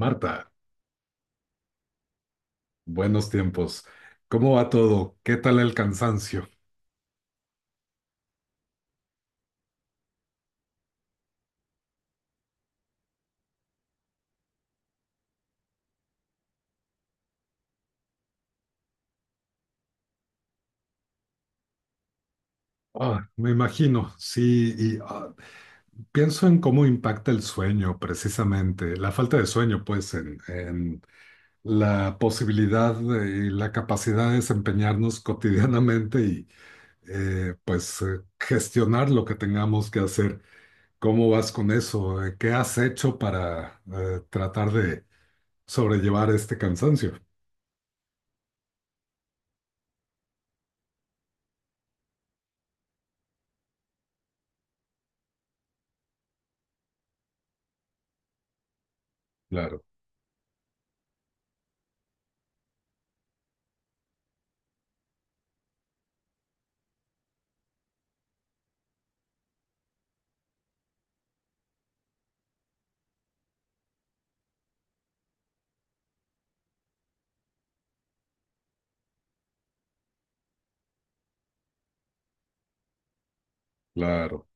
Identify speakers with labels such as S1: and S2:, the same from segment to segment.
S1: Marta, buenos tiempos. ¿Cómo va todo? ¿Qué tal el cansancio? Me imagino, sí, y pienso en cómo impacta el sueño, precisamente, la falta de sueño, pues, en la posibilidad de- y la capacidad de desempeñarnos cotidianamente y, gestionar lo que tengamos que hacer. ¿Cómo vas con eso? ¿Qué has hecho para tratar de sobrellevar este cansancio? Claro, claro.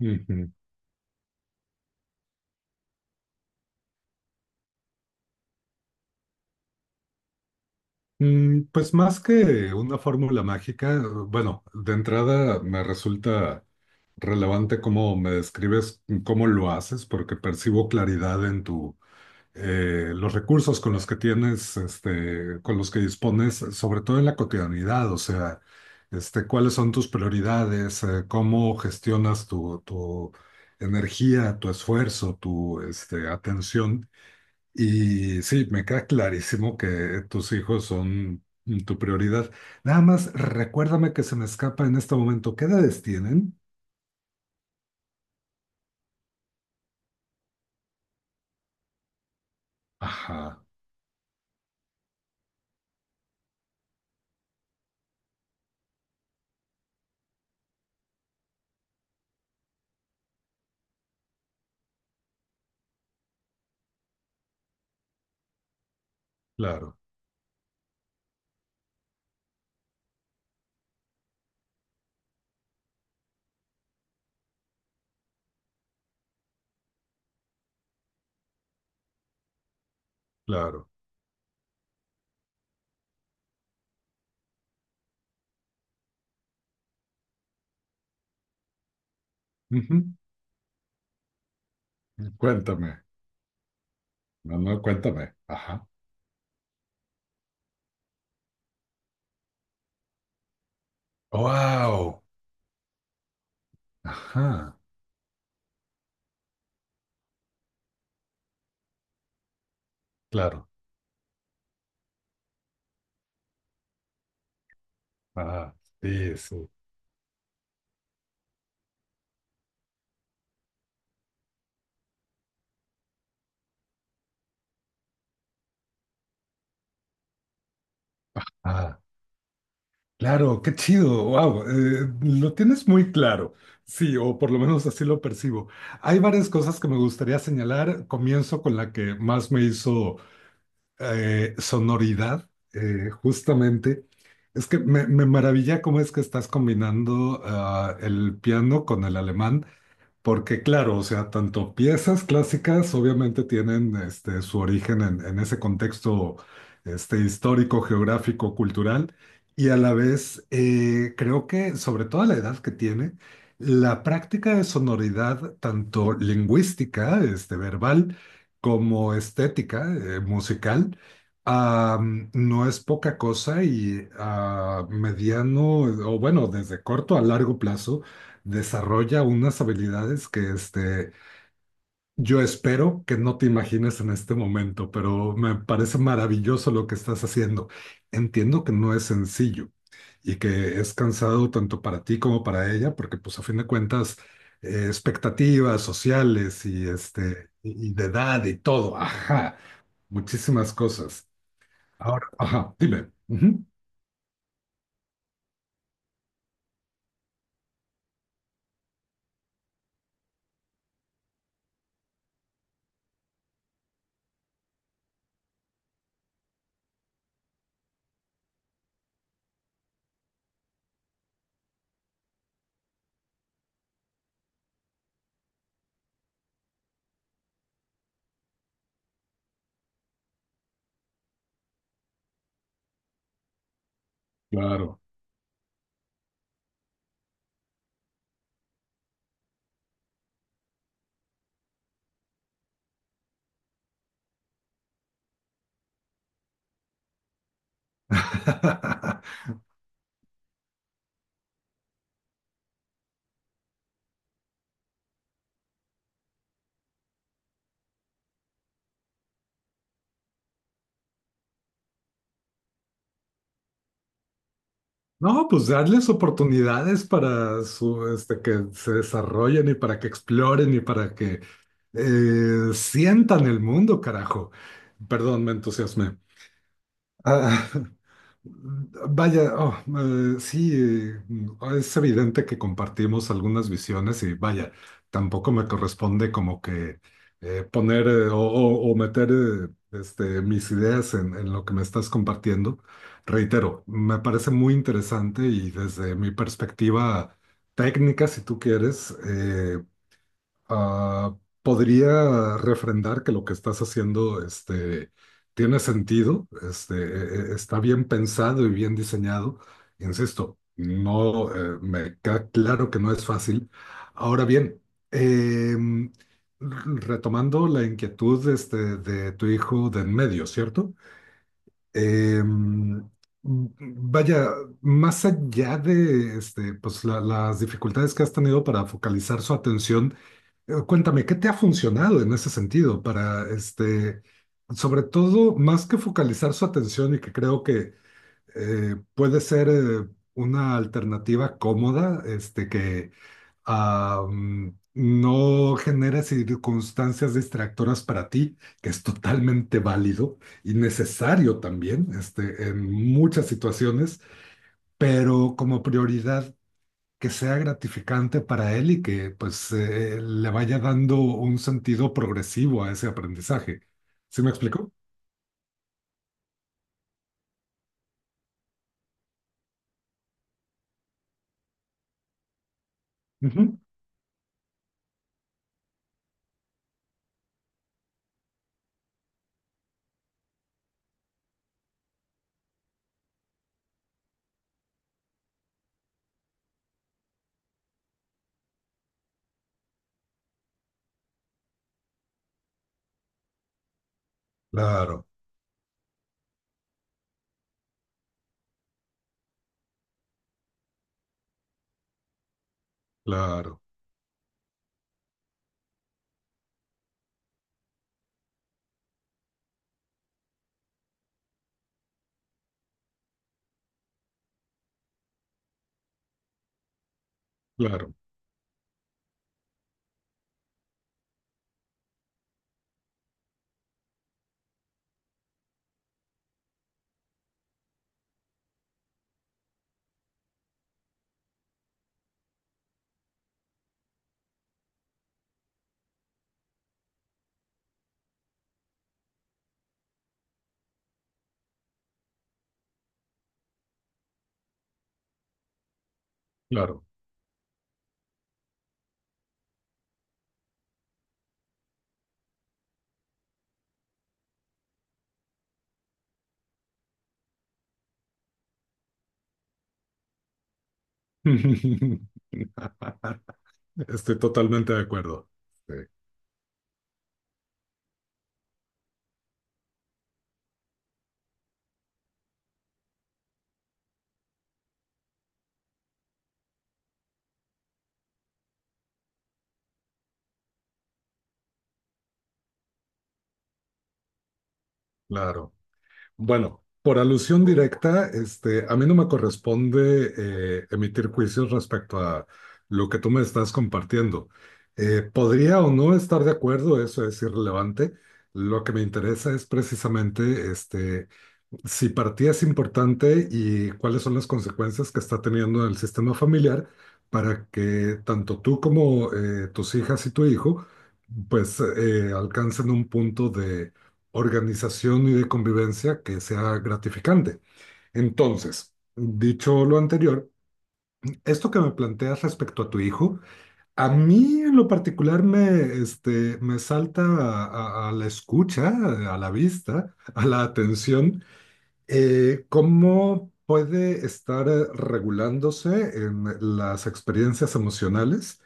S1: Ujú. Pues más que una fórmula mágica, bueno, de entrada me resulta relevante cómo me describes cómo lo haces, porque percibo claridad en tu los recursos con los que tienes, este, con los que dispones, sobre todo en la cotidianidad, o sea, este, cuáles son tus prioridades, cómo gestionas tu energía, tu esfuerzo, tu este, atención. Y sí, me queda clarísimo que tus hijos son tu prioridad. Nada más recuérdame que se me escapa en este momento. ¿Qué edades tienen? Ajá, claro, claro. Ujú. Cuéntame. No, no, cuéntame. Ajá. Wow. Ajá, claro. Ah, sí, sí. Ah, claro, qué chido. Wow, lo tienes muy claro. Sí, o por lo menos así lo percibo. Hay varias cosas que me gustaría señalar. Comienzo con la que más me hizo sonoridad, justamente. Es que me maravilla cómo es que estás combinando el piano con el alemán. Porque claro, o sea, tanto piezas clásicas obviamente tienen este, su origen en ese contexto este, histórico, geográfico, cultural, y a la vez creo que sobre todo a la edad que tiene, la práctica de sonoridad, tanto lingüística, este, verbal, como estética, musical, ah, no es poca cosa y a mediano, o bueno, desde corto a largo plazo desarrolla unas habilidades que este, yo espero que no te imagines en este momento, pero me parece maravilloso lo que estás haciendo. Entiendo que no es sencillo y que es cansado tanto para ti como para ella, porque pues a fin de cuentas, expectativas sociales y, este, y de edad y todo, ajá, muchísimas cosas. Ahora, ajá, dime. Ujú, Claro. No, pues darles oportunidades para su, este, que se desarrollen y para que exploren y para que sientan el mundo, carajo. Perdón, me entusiasmé. Ah, Vaya, oh, eh, sí, eh, es evidente que compartimos algunas visiones y vaya, tampoco me corresponde como que poner o meter este, mis ideas en lo que me estás compartiendo. Reitero, me parece muy interesante y desde mi perspectiva técnica, si tú quieres, Ah, podría refrendar que lo que estás haciendo, este, tiene sentido, este, e- e- está bien pensado y bien diseñado. Insisto, no, me queda claro que no es fácil. Ahora bien, em, r- retomando la inquietud, este, de tu hijo de en medio, ¿cierto? Em, Vaya, más allá de este, pues, la- las dificultades que has tenido para focalizar su atención, Cuéntame, ¿qué te ha funcionado en ese sentido para, este, sobre todo, más que focalizar su atención y que creo que puede ser una alternativa cómoda, este, que no genere circunstancias distractoras para ti, que es totalmente válido y necesario también, este, en muchas situaciones, pero como prioridad que sea gratificante para él y que pues le vaya dando un sentido progresivo a ese aprendizaje. ¿Sí me explico? Ujú. Claro, claro, claro, claro. Estoy totalmente de acuerdo. Sí, claro. Bueno, por alusión directa, este, a mí no me corresponde emitir juicios respecto a lo que tú me estás compartiendo. Podría o no estar de acuerdo, eso es irrelevante. Lo que me interesa es precisamente este, si para ti es importante y cuáles son las consecuencias que está teniendo en el sistema familiar para que tanto tú como tus hijas y tu hijo pues alcancen un punto de organización y de convivencia que sea gratificante. Entonces, dicho lo anterior, esto que me planteas respecto a tu hijo, a mí en lo particular este, me salta a a la escucha, a la vista, a la atención ¿cómo puede estar regulándose en las experiencias emocionales?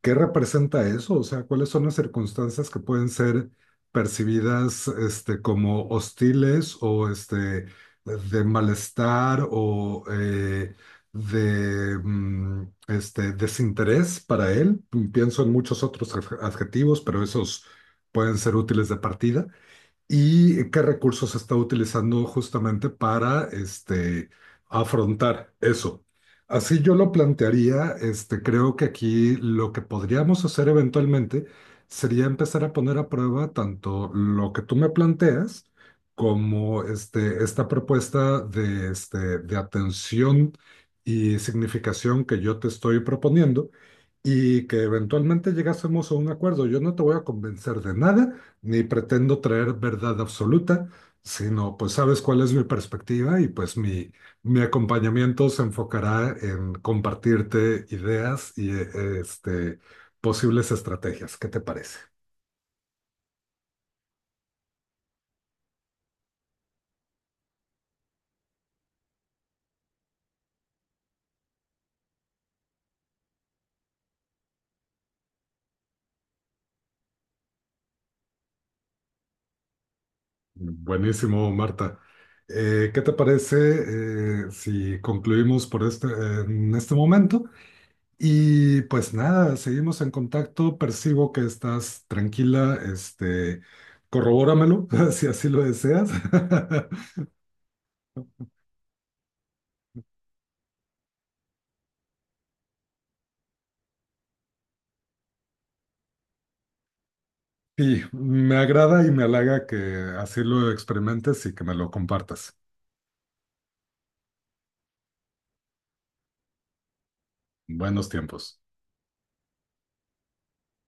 S1: ¿Qué representa eso? O sea, ¿cuáles son las circunstancias que pueden ser percibidas este, como hostiles o este, de malestar o de este, desinterés para él? Pienso en muchos otros adjetivos, pero esos pueden ser útiles de partida y qué recursos se está utilizando justamente para este, afrontar eso. Así yo lo plantearía, este, creo que aquí lo que podríamos hacer eventualmente sería empezar a poner a prueba tanto lo que tú me planteas como este, esta propuesta de, este, de atención y significación que yo te estoy proponiendo y que eventualmente llegásemos a un acuerdo. Yo no te voy a convencer de nada, ni pretendo traer verdad absoluta, sino pues sabes cuál es mi perspectiva y pues mi acompañamiento se enfocará en compartirte ideas y este, posibles estrategias. ¿Qué te parece? Buenísimo, Marta. ¿Qué te parece si concluimos por este, en este momento? Y pues nada, seguimos en contacto. Percibo que estás tranquila. Este, corrobóramelo si así lo deseas. Sí, me agrada y me halaga que así lo experimentes y que me lo compartas. Buenos tiempos.